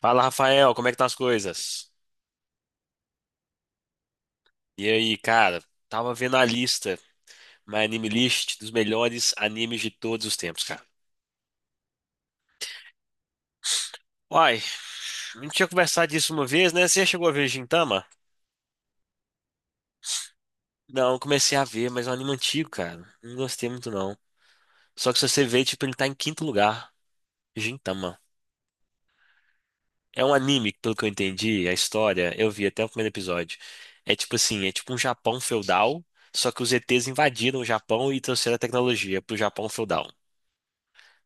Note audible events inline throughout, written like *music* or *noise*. Fala, Rafael, como é que tá as coisas? E aí, cara, tava vendo a lista, my anime list dos melhores animes de todos os tempos, cara. Uai, a gente tinha conversado disso uma vez, né? Você já chegou a ver Gintama? Não, eu comecei a ver, mas é um anime antigo, cara. Não gostei muito, não. Só que se você ver, tipo, ele tá em quinto lugar. Gintama. É um anime que, pelo que eu entendi, a história, eu vi até o primeiro episódio. É tipo assim, é tipo um Japão feudal, só que os ETs invadiram o Japão e trouxeram a tecnologia pro Japão feudal.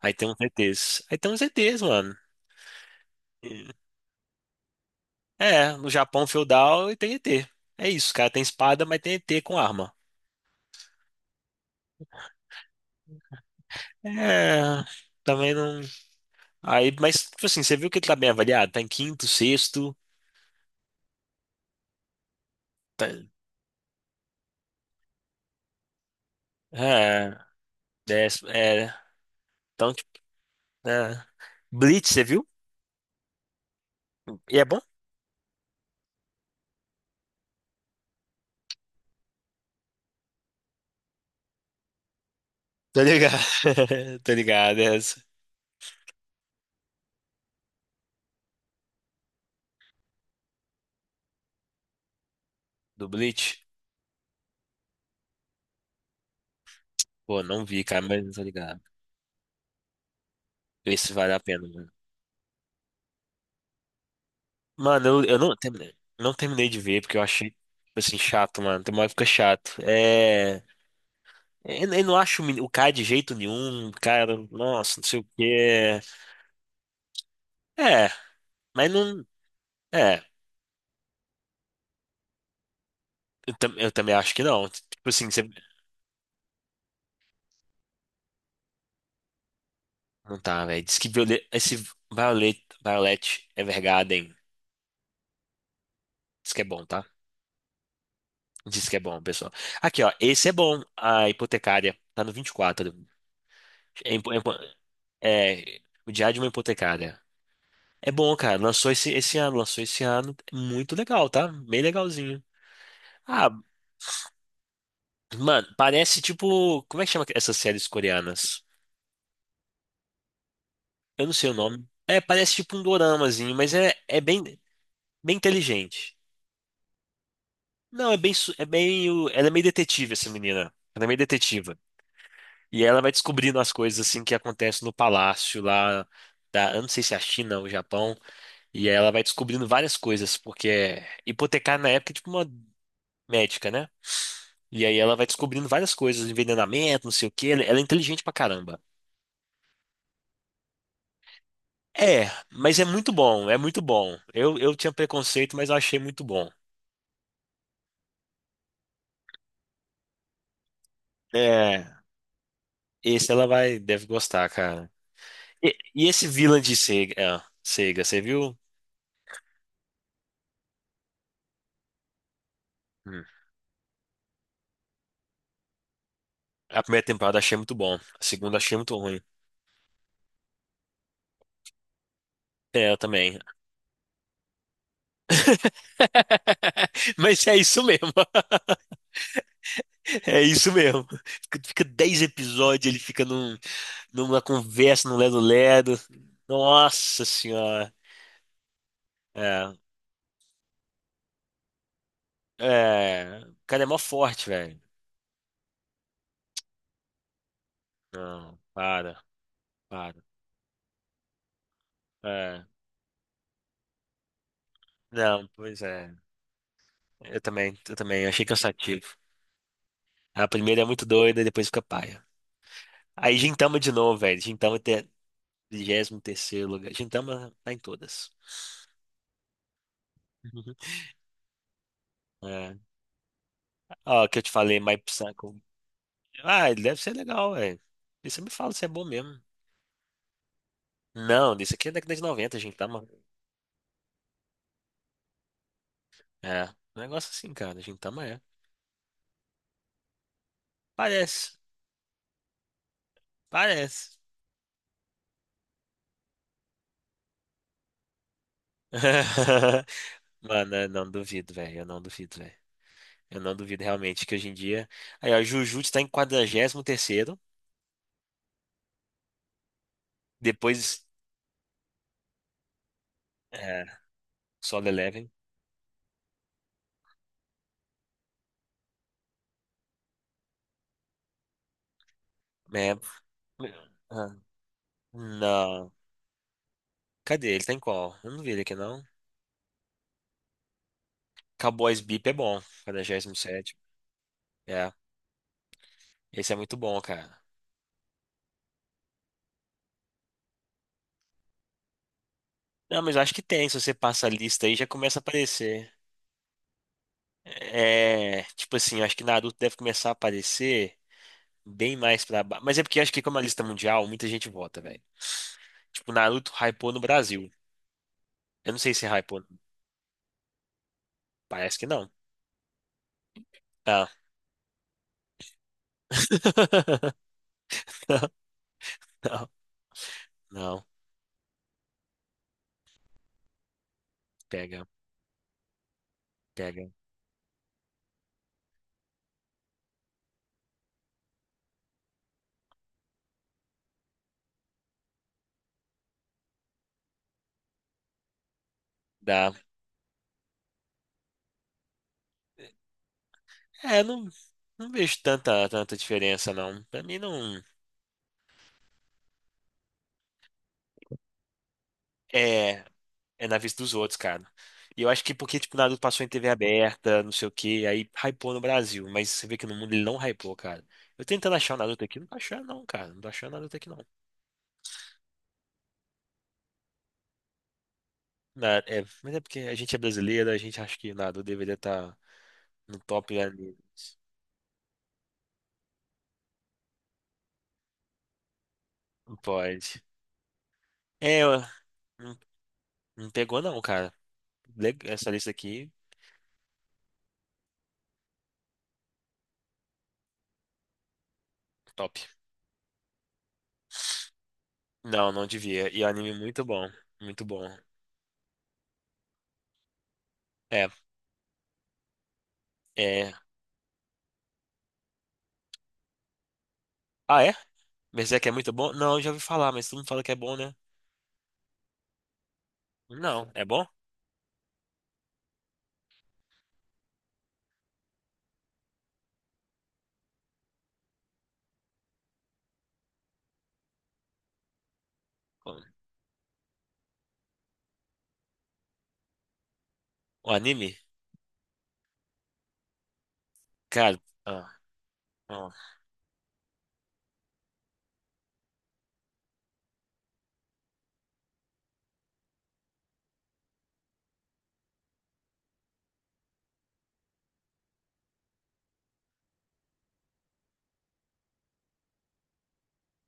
Aí tem uns ETs. Aí tem uns ETs, mano. É, no Japão feudal e tem E T. É isso, cara. Tem espada, mas tem E T com arma. É, também não. Aí, mas, tipo assim, você viu que ele tá bem avaliado? Tá em quinto, sexto. Tá... É, décimo. É, então, tipo. É. Bleach, você viu? E é bom? Tô ligado. *laughs* Tô ligado, é essa. Do Bleach? Pô, não vi, cara, mas tô ligado. Esse vale a pena. Mano, eu não terminei, não terminei de ver porque eu achei, tipo assim, chato, mano. Tem uma época chato. É. Eu não acho o o cara de jeito nenhum, cara, nossa, não sei o quê. É, mas não. É, eu, eu também acho que não. Tipo assim, você. Não tá, velho. Diz que Violet, esse Violet, Violet Evergarden. Diz que é bom, tá? Diz que é bom, pessoal. Aqui, ó. Esse é bom, a hipotecária. Tá no 24. É, é, é, o Diário de uma Hipotecária. É bom, cara. Lançou esse, esse ano, lançou esse ano. É Muito legal, tá? Bem legalzinho. Ah, mano, parece tipo. Como é que chama essas séries coreanas? Eu não sei o nome. É, parece tipo um doramazinho, mas é, é bem, bem inteligente. Não, é bem, é bem. Ela é meio detetive, essa menina. Ela é meio detetiva. E ela vai descobrindo as coisas assim que acontecem no palácio lá da. Eu não sei se é a China ou o Japão. E ela vai descobrindo várias coisas, porque é hipotecar na época é tipo uma médica, né? E aí ela vai descobrindo várias coisas, envenenamento, não sei o quê. Ela é inteligente pra caramba. É, mas é muito bom, é muito bom. Eu tinha preconceito, mas eu achei muito bom. É, esse ela vai, deve gostar, cara. E esse vilã de Sega, é, Sega, você viu? Hum. A primeira temporada achei muito bom, a segunda achei muito ruim. É, eu também. *laughs* Mas é isso mesmo. *laughs* É isso mesmo. Fica 10 episódios, ele fica num, numa conversa no Lero Lero. Nossa senhora. É, é, o cara é mó forte, velho. Não, para, para. É, não, pois é. Eu também, eu também, eu achei cansativo. A primeira é muito doida, depois fica paia. Aí Gintama de novo, velho. Gintama até 23 terceiro lugar. Gintama tá em todas. *laughs* Uhum. É. Ó, que eu te falei, My Psycho. Ah, ele deve ser legal, velho. E você me fala se é bom mesmo. Não, isso aqui é década de 90, Gintama. É, um negócio assim, cara, Gintama é. Parece, parece. *laughs* Mano, eu não duvido, velho, eu não duvido, velho. Eu não duvido realmente que hoje em dia... Aí, ó, Jujutsu tá em 43º, depois... É, Solo Eleven. É, ah, não, cadê? Ele tá em qual? Eu não vi ele aqui, não. Cowboys Bebop é bom, 47º. É, esse é muito bom, cara. Não, mas eu acho que tem, se você passa a lista aí, já começa a aparecer. É, tipo assim, eu acho que Naruto deve começar a aparecer bem mais pra baixo. Mas é porque eu acho que como é uma lista mundial, muita gente vota, velho. Tipo, Naruto hypou no Brasil. Eu não sei se hypou. Parece que não. Ah. *laughs* Não, não, não. Pega, pega. Dá. É, não, não vejo tanta, tanta diferença, não. Pra mim, não. É. É na vista dos outros, cara. E eu acho que porque, tipo, Naruto passou em TV aberta, não sei o quê, aí hypou no Brasil. Mas você vê que no mundo ele não hypou, cara. Eu tentando achar o Naruto aqui, não tô achando, não, cara. Não tô achando o Naruto aqui, não. É, mas é porque a gente é brasileiro, a gente acha que o Naruto deveria estar no top de animes. Não pode. É, não, não pegou, não, cara. Essa lista aqui, top. Não, não devia. E o anime muito bom. Muito bom. É, é. Ah, é? Berserk é muito bom? Não, eu já ouvi falar, mas todo mundo fala que é bom, né? Não, é bom? O anime? Cara, ah, ah,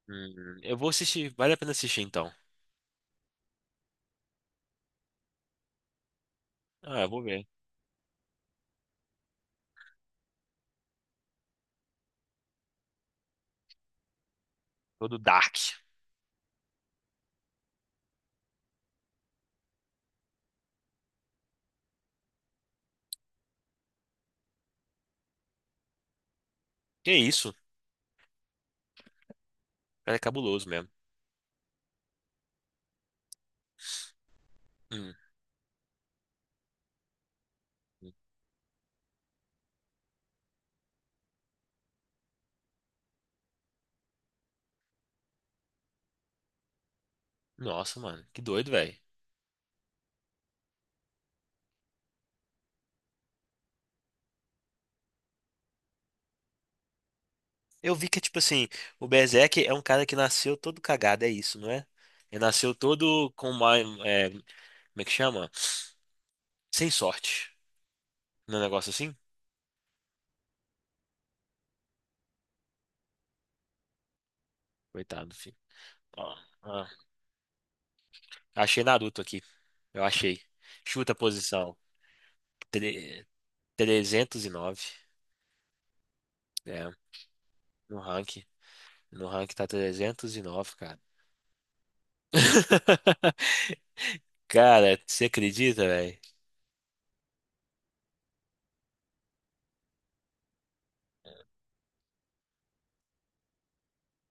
eu vou assistir, vale a pena assistir então. Ah, eu vou ver. Todo Dark. Que isso? O cara é cabuloso mesmo. Hum, hum. Nossa, mano, que doido, velho. Eu vi que, tipo assim, o Berserk é um cara que nasceu todo cagado, é isso, não é? Ele nasceu todo com uma, é, como é que chama? Sem sorte. Não é um negócio assim? Coitado, filho. Ó, ó. Achei Naruto aqui. Eu achei. Chuta a posição. 309. É, no ranking. No ranking tá 309, cara. *laughs* Cara, você acredita, velho?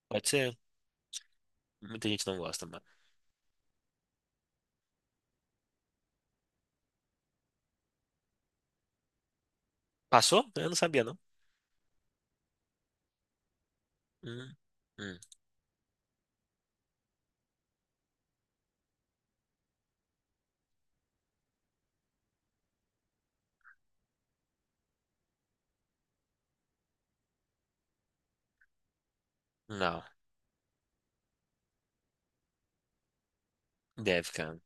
Pode ser. Muita gente não gosta, mano. Passou? Eu não sabia, não. Hum, hum. Não. Deve, cara.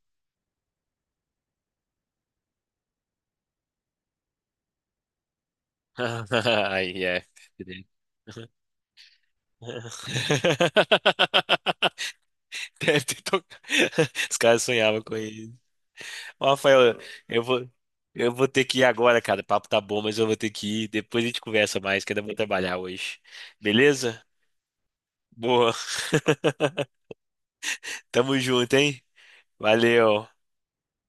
*laughs* Aí é. Deve. *laughs* Deve ter tocado. *laughs* Os caras sonhavam com isso. Ó, Rafael, eu vou, eu vou ter que ir agora, cara. O papo tá bom, mas eu vou ter que ir. Depois a gente conversa mais, que ainda vou trabalhar hoje. Beleza? Boa. *laughs* Tamo junto, hein? Valeu.